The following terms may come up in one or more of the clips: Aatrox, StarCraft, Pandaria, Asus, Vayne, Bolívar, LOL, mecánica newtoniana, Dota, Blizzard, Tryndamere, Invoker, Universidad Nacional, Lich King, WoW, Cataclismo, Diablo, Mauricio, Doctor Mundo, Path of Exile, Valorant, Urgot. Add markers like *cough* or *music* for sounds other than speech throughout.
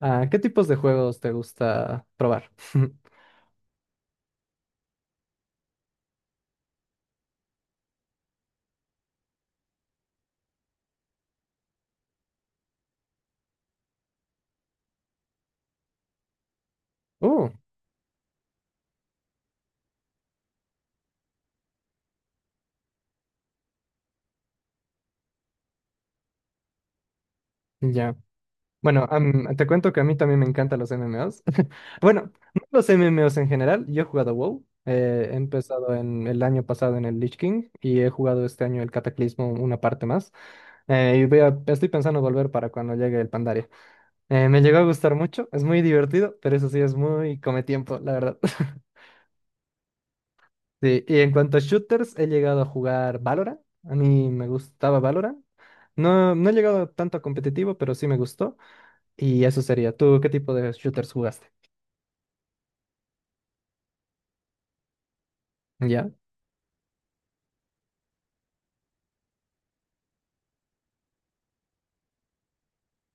Ah, ¿qué tipos de juegos te gusta probar? *laughs* Uh, ya. Bueno, te cuento que a mí también me encantan los MMOs. *laughs* Bueno, no los MMOs en general. Yo he jugado WoW. He empezado en el año pasado en el Lich King y he jugado este año el Cataclismo una parte más. Y estoy pensando volver para cuando llegue el Pandaria. Me llegó a gustar mucho, es muy divertido, pero eso sí es muy come tiempo, la verdad. *laughs* Sí, y en cuanto a shooters, he llegado a jugar Valorant. A mí me gustaba Valorant. No, no he llegado tanto a competitivo, pero sí me gustó. Y eso sería. ¿Tú qué tipo de shooters jugaste? ¿Ya?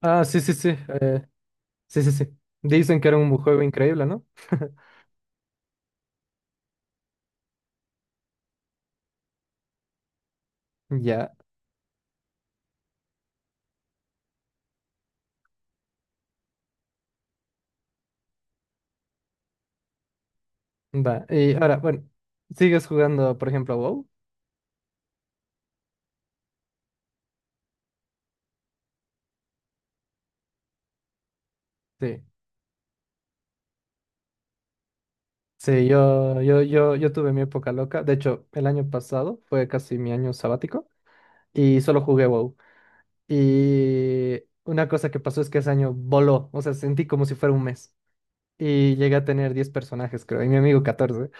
Ah, sí, sí, sí. eh, sí, sí, sí. Dicen que era un juego increíble, ¿no? *laughs* Ya, va. Y ahora, bueno, ¿sigues jugando, por ejemplo, WoW? Sí. Sí, yo tuve mi época loca. De hecho, el año pasado fue casi mi año sabático y solo jugué WoW. Y una cosa que pasó es que ese año voló. O sea, sentí como si fuera un mes. Y llegué a tener 10 personajes, creo, y mi amigo catorce.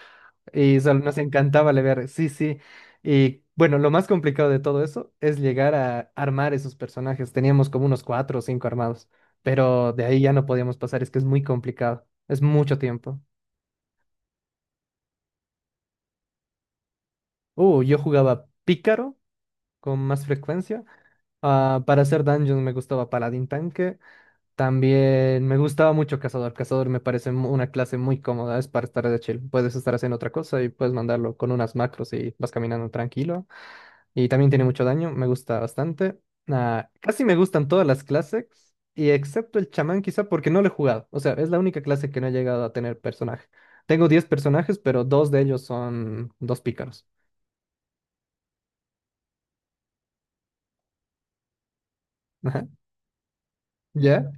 Nos encantaba leer, sí, sí. Y bueno, lo más complicado de todo eso es llegar a armar esos personajes. Teníamos como unos cuatro o cinco armados, pero de ahí ya no podíamos pasar, es que es muy complicado, es mucho tiempo. Yo jugaba pícaro con más frecuencia. Ah, para hacer dungeons me gustaba paladín tanque. También me gustaba mucho cazador. Cazador me parece una clase muy cómoda, es para estar de chill. Puedes estar haciendo otra cosa y puedes mandarlo con unas macros y vas caminando tranquilo. Y también tiene mucho daño, me gusta bastante. Ah, casi me gustan todas las clases, y excepto el chamán quizá porque no lo he jugado. O sea, es la única clase que no he llegado a tener personaje. Tengo 10 personajes, pero dos de ellos son dos pícaros. *laughs* Ajá. ¿Ya?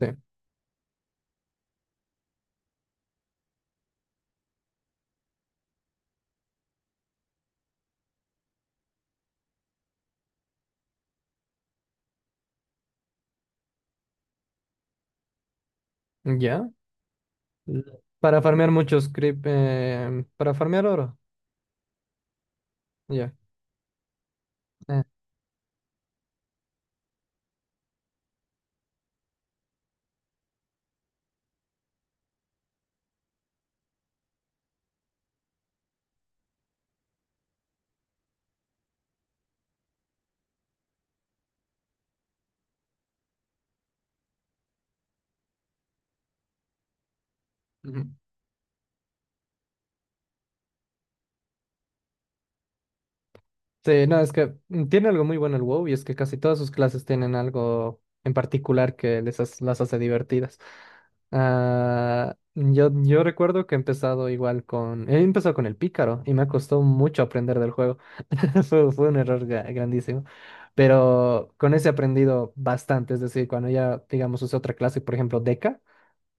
Sí. ¿Ya? Para farmear muchos creep, para farmear oro. Ya. Eh, Ujú. Sí, no, es que tiene algo muy bueno el WoW y es que casi todas sus clases tienen algo en particular que las hace divertidas. Ah, yo recuerdo que he empezado igual con... He empezado con el pícaro y me costó mucho aprender del juego. *laughs* Fue un error grandísimo. Pero con ese he aprendido bastante. Es decir, cuando ya, digamos, usé otra clase, por ejemplo, Deca,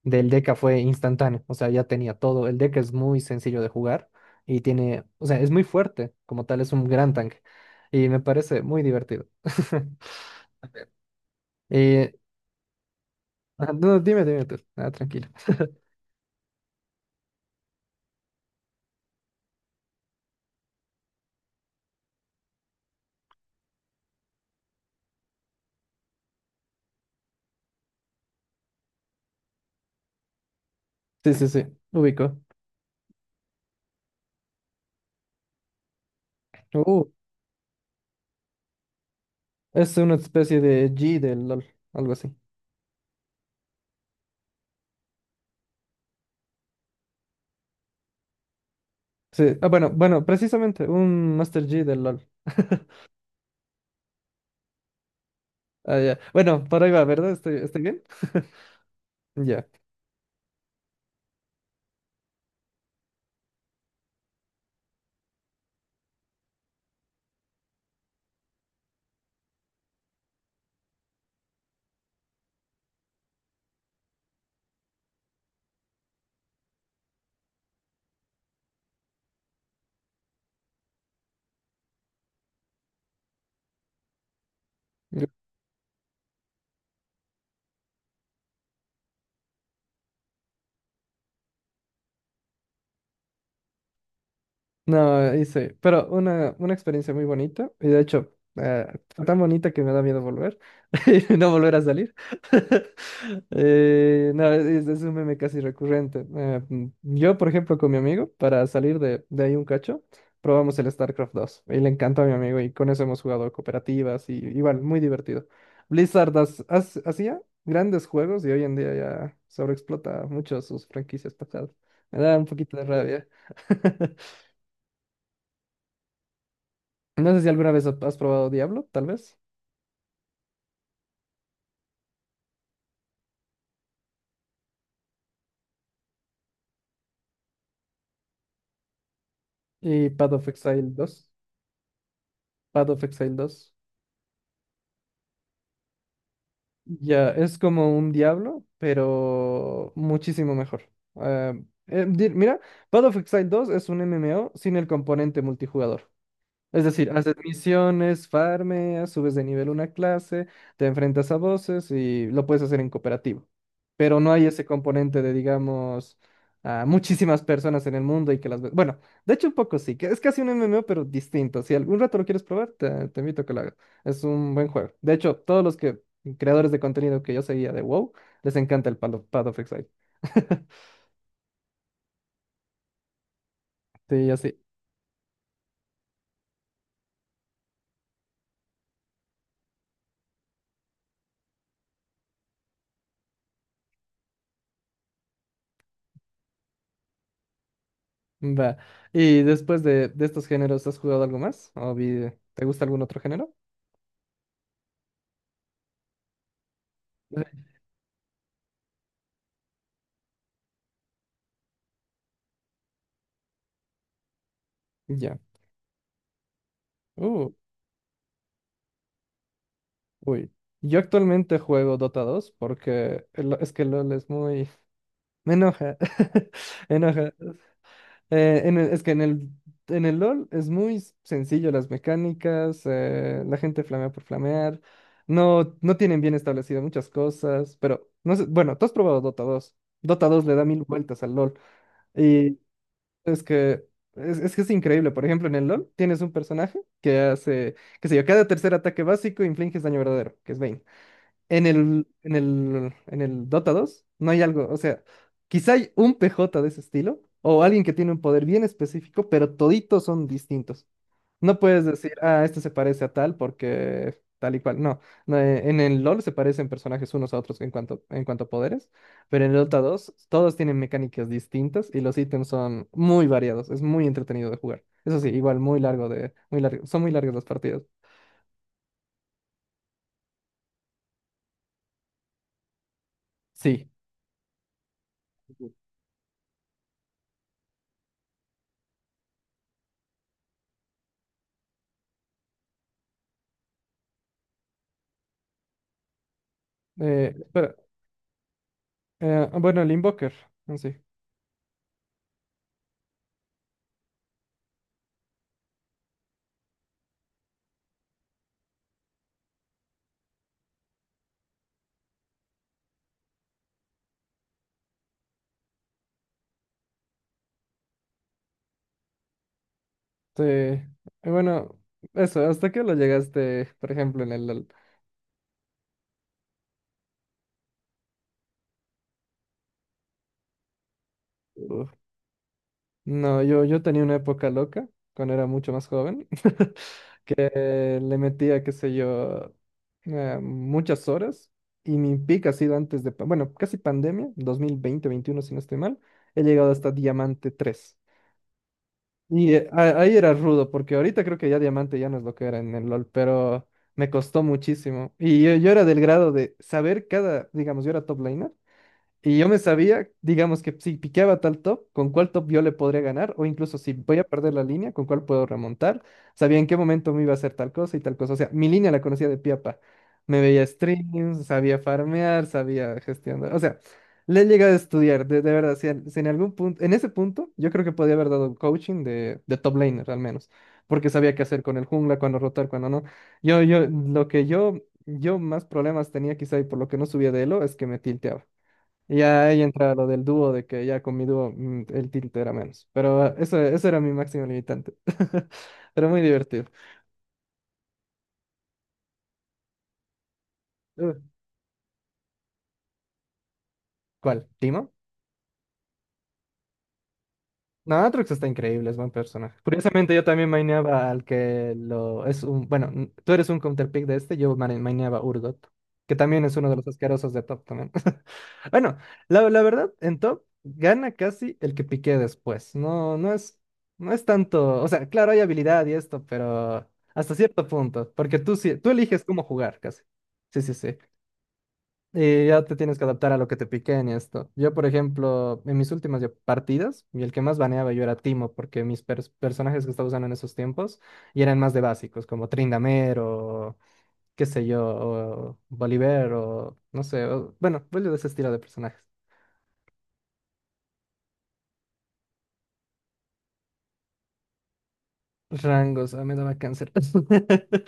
del Deca fue instantáneo, o sea, ya tenía todo. El Deca es muy sencillo de jugar y tiene, o sea, es muy fuerte, como tal, es un gran tanque y me parece muy divertido. *laughs* Y, ah, no, dime, ah, tranquilo. *laughs* Sí, sí, sí, ubico. Uh, es una especie de G del LOL, algo así. Sí, ah, bueno, bueno, precisamente, un Master G del LOL. *laughs* Ah, ya. Bueno, por ahí va, ¿verdad? Estoy bien? *laughs* Ya. No, hice, pero una experiencia muy bonita, y de hecho, eh, fue tan bonita que me da miedo volver, *laughs* y no volver a salir. *laughs* No, es un meme casi recurrente. Yo, por ejemplo, con mi amigo, para salir de ahí un cacho, probamos el StarCraft 2 y le encantó a mi amigo, y con eso hemos jugado cooperativas, y igual, muy divertido. Blizzard hacía grandes juegos, y hoy en día ya sobreexplota mucho sus franquicias pasadas. Me da un poquito de rabia. *laughs* No sé si alguna vez has probado Diablo, tal vez. Y Path of Exile 2. Path of Exile 2, ya, es como un Diablo, pero muchísimo mejor. Ah, mira, Path of Exile 2 es un MMO sin el componente multijugador. Es decir, haces misiones, farmeas, subes de nivel una clase, te enfrentas a voces y lo puedes hacer en cooperativo. Pero no hay ese componente de, digamos, a muchísimas personas en el mundo y que las ves. Bueno, de hecho un poco sí, que es casi un MMO, pero distinto. Si algún rato lo quieres probar, te invito a que lo hagas. Es un buen juego. De hecho, todos los que creadores de contenido que yo seguía de WoW, les encanta el Path of Exile. *laughs* Sí, así. Va. Y después de estos géneros, ¿has jugado algo más? ¿O te gusta algún otro género? Sí. Ya. Uh, uy. Yo actualmente juego Dota 2 porque es que LOL es muy... Me enoja. *laughs* Enoja. En el- es que en el LOL es muy sencillo las mecánicas, la gente flamea por flamear, no tienen bien establecidas muchas cosas, pero no sé, bueno, tú has probado Dota 2. Dota dos le da mil vueltas al LOL. Es que es increíble. Por ejemplo, en el LoL tienes un personaje que hace, qué sé yo, cada tercer ataque básico infliges daño verdadero, que es Vayne. En el Dota 2 no hay algo, o sea, quizá hay un PJ de ese estilo o alguien que tiene un poder bien específico, pero toditos son distintos. No puedes decir, ah, este se parece a tal porque tal y cual. No, no, en el LoL se parecen personajes unos a otros en cuanto a poderes, pero en el Dota dos todos tienen mecánicas distintas y los ítems son muy variados. Es muy entretenido de jugar. Eso sí, igual muy muy largo, son muy largas las partidas. Sí. Pero, bueno, el Invoker, en sí. Te- bueno, eso, ¿hasta qué lo llegaste, por ejemplo, en el LoL? No, yo tenía una época loca cuando era mucho más joven, *laughs* que le metía, qué sé yo, muchas horas y mi pico ha sido antes de, bueno, casi pandemia, 2020 2021 si no estoy mal, he llegado hasta Diamante 3. Y ahí era rudo, porque ahorita creo que ya Diamante ya no es lo que era en el LOL, pero me costó muchísimo. Y yo era del grado de saber cada, digamos, yo era top laner. Y yo me sabía, digamos que si piqueaba tal top, con cuál top yo le podría ganar, o incluso si voy a perder la línea, con cuál puedo remontar. Sabía en qué momento me iba a hacer tal cosa y tal cosa. O sea, mi línea la conocía de piapa. Me veía streams, sabía farmear, sabía gestionar. O sea, le he llegado a estudiar, de verdad. Si en algún punto, en ese punto, yo creo que podía haber dado coaching de top laner al menos, porque sabía qué hacer con el jungla, cuándo rotar, cuándo no. Yo, lo que yo más problemas tenía quizá y por lo que no subía de elo es que me tilteaba. Y ya ahí entra lo del dúo, de que ya con mi dúo el tilt era menos. Pero eso era mi máximo limitante. *laughs* Pero muy divertido. Uh, ¿Cuál? ¿Timo? No, Aatrox está increíble, es buen personaje. Curiosamente, yo también maineaba al que lo es un. Bueno, tú eres un counterpick de este, yo maineaba Urgot, que también es uno de los asquerosos de top también. *laughs* Bueno, la verdad, en top gana casi el que piqué después. No es tanto. O sea, claro, hay habilidad y esto, pero hasta cierto punto. Porque tú sí, tú eliges cómo jugar casi. Sí, sí, sí. Y ya te tienes que adaptar a lo que te piquen y esto. Yo, por ejemplo, en mis últimas ya partidas, y el que más baneaba yo era Timo, porque mis personajes que estaba usando en esos tiempos y eran más de básicos, como Tryndamere o qué sé yo, o Bolívar o no sé, bueno, vuelvo de ese estilo de personajes. Rangos, a mí no me daba cáncer. *laughs*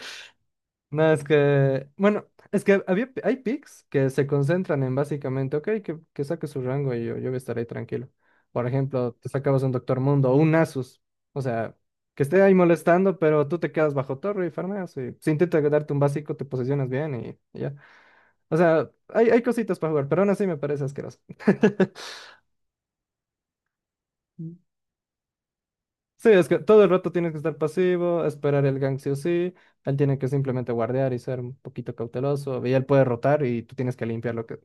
No, es que, bueno, es que hay picks que se concentran en básicamente, ok, que saque su rango y yo estaré tranquilo. Por ejemplo, te sacabas un Doctor Mundo o un Asus, o sea, que esté ahí molestando, pero tú te quedas bajo torre y farmeas. Y si intenta darte un básico, te posicionas bien y ya. O sea, hay cositas para jugar, pero aún así me parece asqueroso. *laughs* Sí, es que todo el rato tienes que estar pasivo, esperar el gank sí o sí. Él tiene que simplemente guardear y ser un poquito cauteloso. Y él puede rotar y tú tienes que limpiar lo que...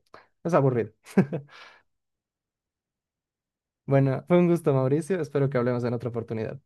Es aburrido. *laughs* Bueno, fue un gusto, Mauricio. Espero que hablemos en otra oportunidad.